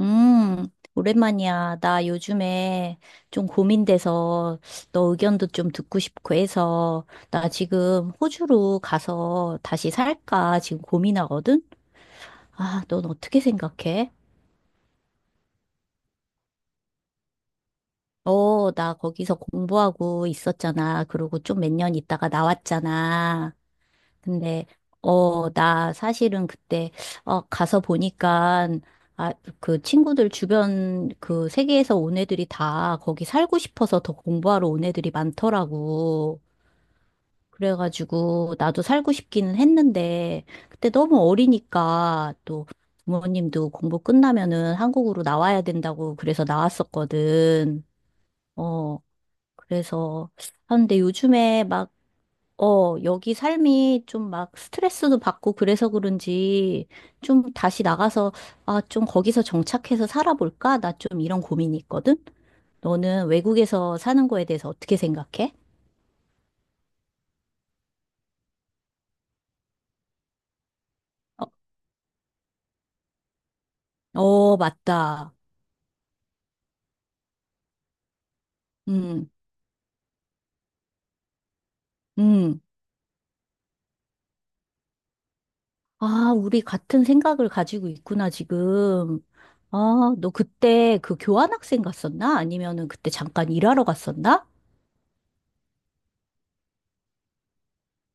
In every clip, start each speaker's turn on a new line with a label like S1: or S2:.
S1: 음, 오랜만이야. 나 요즘에 좀 고민돼서 너 의견도 좀 듣고 싶고 해서 나 지금 호주로 가서 다시 살까 지금 고민하거든? 아, 넌 어떻게 생각해? 어, 나 거기서 공부하고 있었잖아. 그러고 좀 몇 년 있다가 나왔잖아. 근데 나 사실은 그때 가서 보니까 아, 그 친구들 주변 그 세계에서 온 애들이 다 거기 살고 싶어서 더 공부하러 온 애들이 많더라고. 그래가지고 나도 살고 싶기는 했는데 그때 너무 어리니까 또 부모님도 공부 끝나면은 한국으로 나와야 된다고 그래서 나왔었거든. 어, 그래서 하는데 요즘에 막 여기 삶이 좀 막 스트레스도 받고 그래서 그런지 좀 다시 나가서 아, 좀 거기서 정착해서 살아볼까? 나 좀 이런 고민이 있거든? 너는 외국에서 사는 거에 대해서 어떻게 생각해? 어, 어, 맞다. 음, 음. 아, 우리 같은 생각을 가지고 있구나, 지금. 아, 너 그때 그 교환학생 갔었나? 아니면은 그때 잠깐 일하러 갔었나?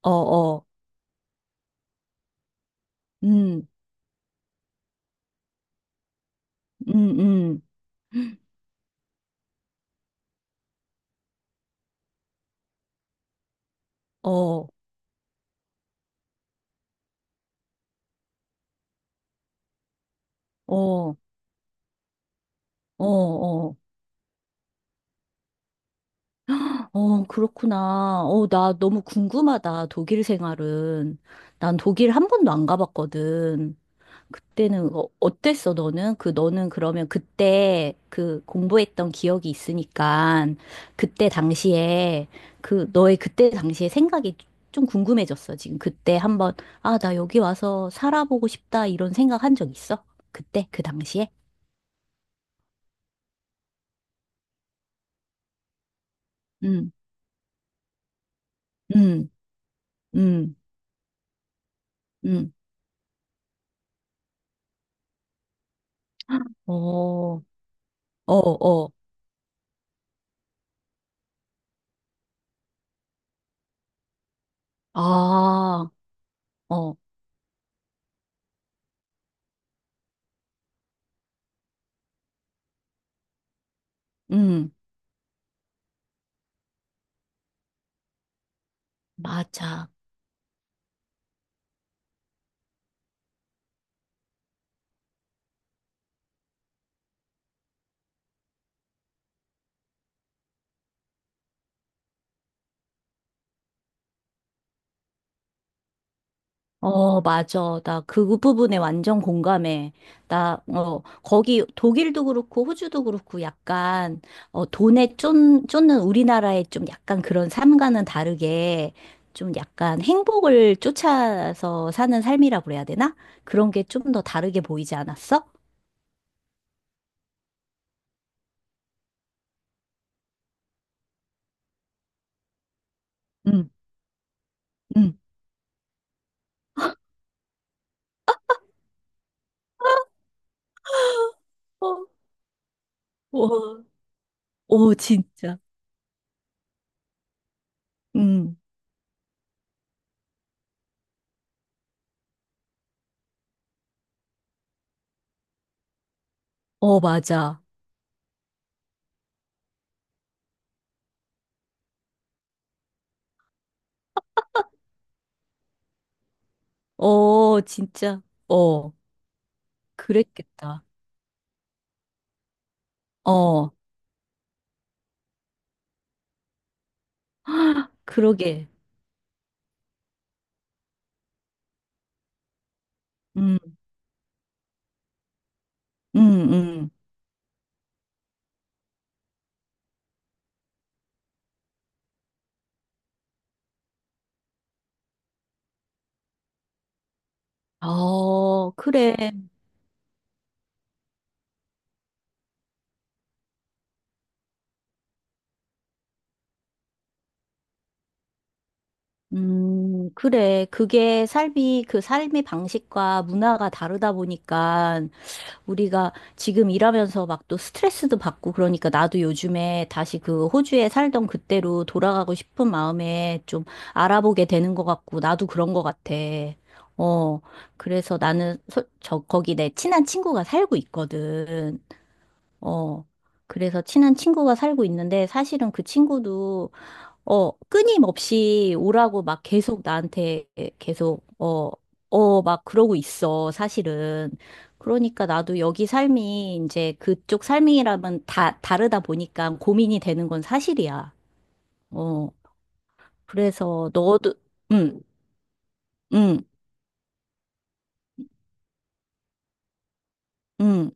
S1: 어, 어. 음, 음, 음. 어, 어. 어, 어, 어, 그렇구나. 어, 나 너무 궁금하다. 독일 생활은. 난 독일 한 번도 안 가봤거든. 그때는 어, 어땠어, 너는? 그, 너는 그러면 그때 그 공부했던 기억이 있으니까 그때 당시에 그 너의 그때 당시에 생각이 좀 궁금해졌어. 지금 그때 한번 아, 나 여기 와서 살아보고 싶다 이런 생각 한 적 있어? 그때 그 당시에? 응, 응, 응, 응. 어, 어, 어. 아, 어, 음, 맞아. 어, 맞아. 나 그 부분에 완전 공감해. 나, 거기 독일도 그렇고 호주도 그렇고 약간, 어, 돈에 쫓, 쫓는 우리나라의 좀 약간 그런 삶과는 다르게 좀 약간 행복을 쫓아서 사는 삶이라고 그래야 되나? 그런 게 좀 더 다르게 보이지 않았어? 응, 응. 어, 오, 오, 진짜. 응. 어, 맞아. 어, 진짜. 어. 그랬겠다. 어, 그러게. 음, 음, 음. 어, 그래. 그래. 그 삶의 방식과 문화가 다르다 보니까 우리가 지금 일하면서 막 또 스트레스도 받고 그러니까 나도 요즘에 다시 그 호주에 살던 그때로 돌아가고 싶은 마음에 좀 알아보게 되는 것 같고 나도 그런 것 같아. 어, 그래서 저, 거기 내 친한 친구가 살고 있거든. 어, 그래서 친한 친구가 살고 있는데 사실은 그 친구도, 어, 끊임없이 오라고 막 계속 나한테 계속, 어, 막 그러고 있어, 사실은. 그러니까 나도 여기 삶이 이제 그쪽 삶이라면 다 다르다 보니까 고민이 되는 건 사실이야. 어, 그래서 너도, 응, 응, 응.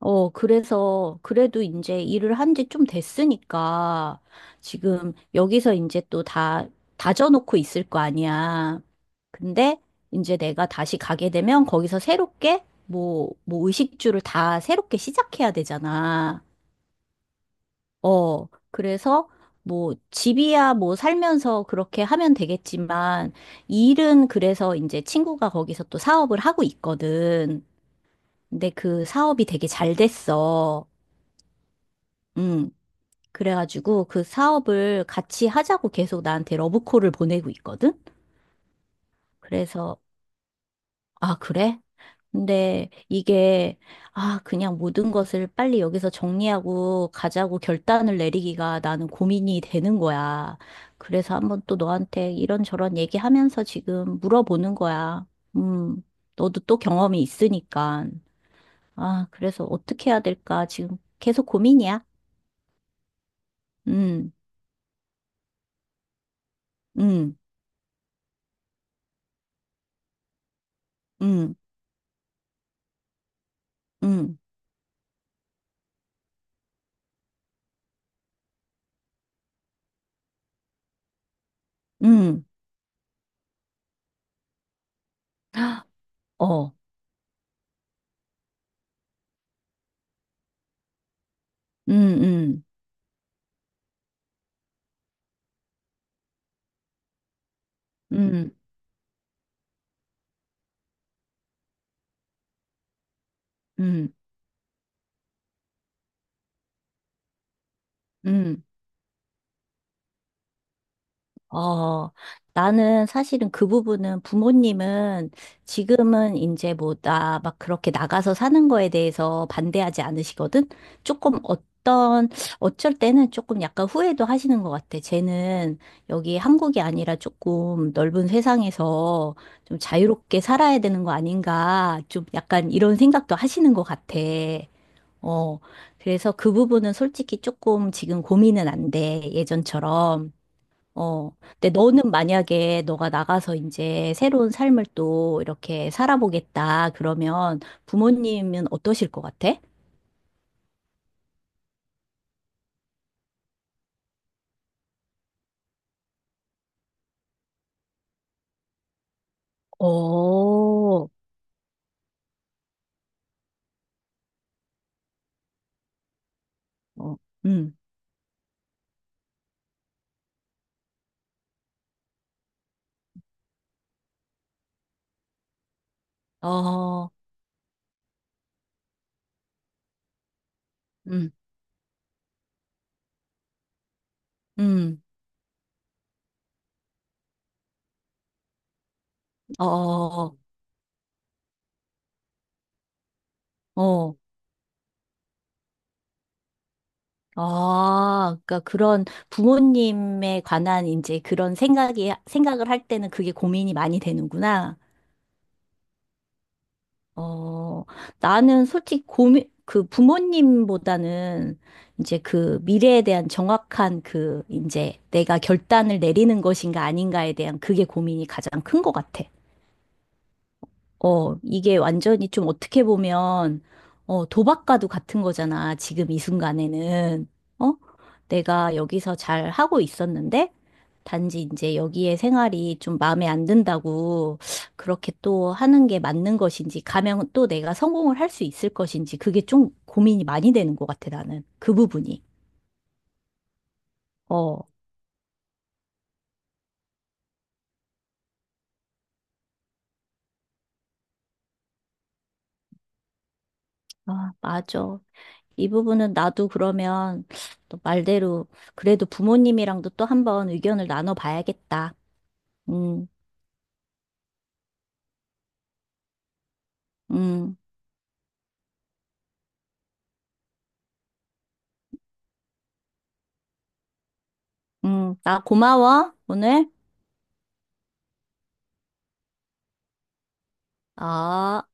S1: 그래서, 그래도 이제 일을 한지 좀 됐으니까, 지금 여기서 이제 다져놓고 있을 거 아니야. 근데 이제 내가 다시 가게 되면 거기서 새롭게, 뭐, 뭐 의식주를 다 새롭게 시작해야 되잖아. 그래서 뭐 집이야 뭐 살면서 그렇게 하면 되겠지만, 일은 그래서 이제 친구가 거기서 또 사업을 하고 있거든. 근데 그 사업이 되게 잘 됐어. 음. 그래가지고 그 사업을 같이 하자고 계속 나한테 러브콜을 보내고 있거든? 그래서, 아, 그래? 근데 이게, 아, 그냥 모든 것을 빨리 여기서 정리하고 가자고 결단을 내리기가 나는 고민이 되는 거야. 그래서 한번 또 너한테 이런저런 얘기하면서 지금 물어보는 거야. 음, 너도 또 경험이 있으니까. 아, 그래서 어떻게 해야 될까? 지금 계속 고민이야. 음, 음, 음, 음, 음. 어, 음, 음, 음, 음, 음. 어, 나는 사실은 그 부분은 부모님은 지금은 이제 뭐 나 막 그렇게 나가서 사는 거에 대해서 반대하지 않으시거든? 조금 어떤, 어쩔 때는 조금 약간 후회도 하시는 것 같아. 쟤는 여기 한국이 아니라 조금 넓은 세상에서 좀 자유롭게 살아야 되는 거 아닌가. 좀 약간 이런 생각도 하시는 것 같아. 어, 그래서 그 부분은 솔직히 조금 지금 고민은 안 돼, 예전처럼. 어, 근데 너는 만약에 너가 나가서 이제 새로운 삶을 또 이렇게 살아보겠다, 그러면 부모님은 어떠실 것 같아? 어, 어, 음, 어, 음, 음, 어, 어, 어. 아, 그러니까 그런 부모님에 관한 이제 생각을 할 때는 그게 고민이 많이 되는구나. 어, 나는 솔직히 그 부모님보다는 이제 그 미래에 대한 정확한 그 이제 내가 결단을 내리는 것인가 아닌가에 대한 그게 고민이 가장 큰 것 같아. 어, 이게 완전히 좀 어떻게 보면, 어, 도박과도 같은 거잖아. 지금 이 순간에는. 어? 내가 여기서 잘 하고 있었는데, 단지 이제 여기에 생활이 좀 마음에 안 든다고 그렇게 또 하는 게 맞는 것인지, 가면 또 내가 성공을 할 수 있을 것인지, 그게 좀 고민이 많이 되는 것 같아, 나는. 그 부분이. 어, 아, 맞아. 이 부분은 나도 그러면 또 말대로 그래도 부모님이랑도 또 한번 의견을 나눠봐야겠다. 음, 음, 나 고마워, 오늘. 아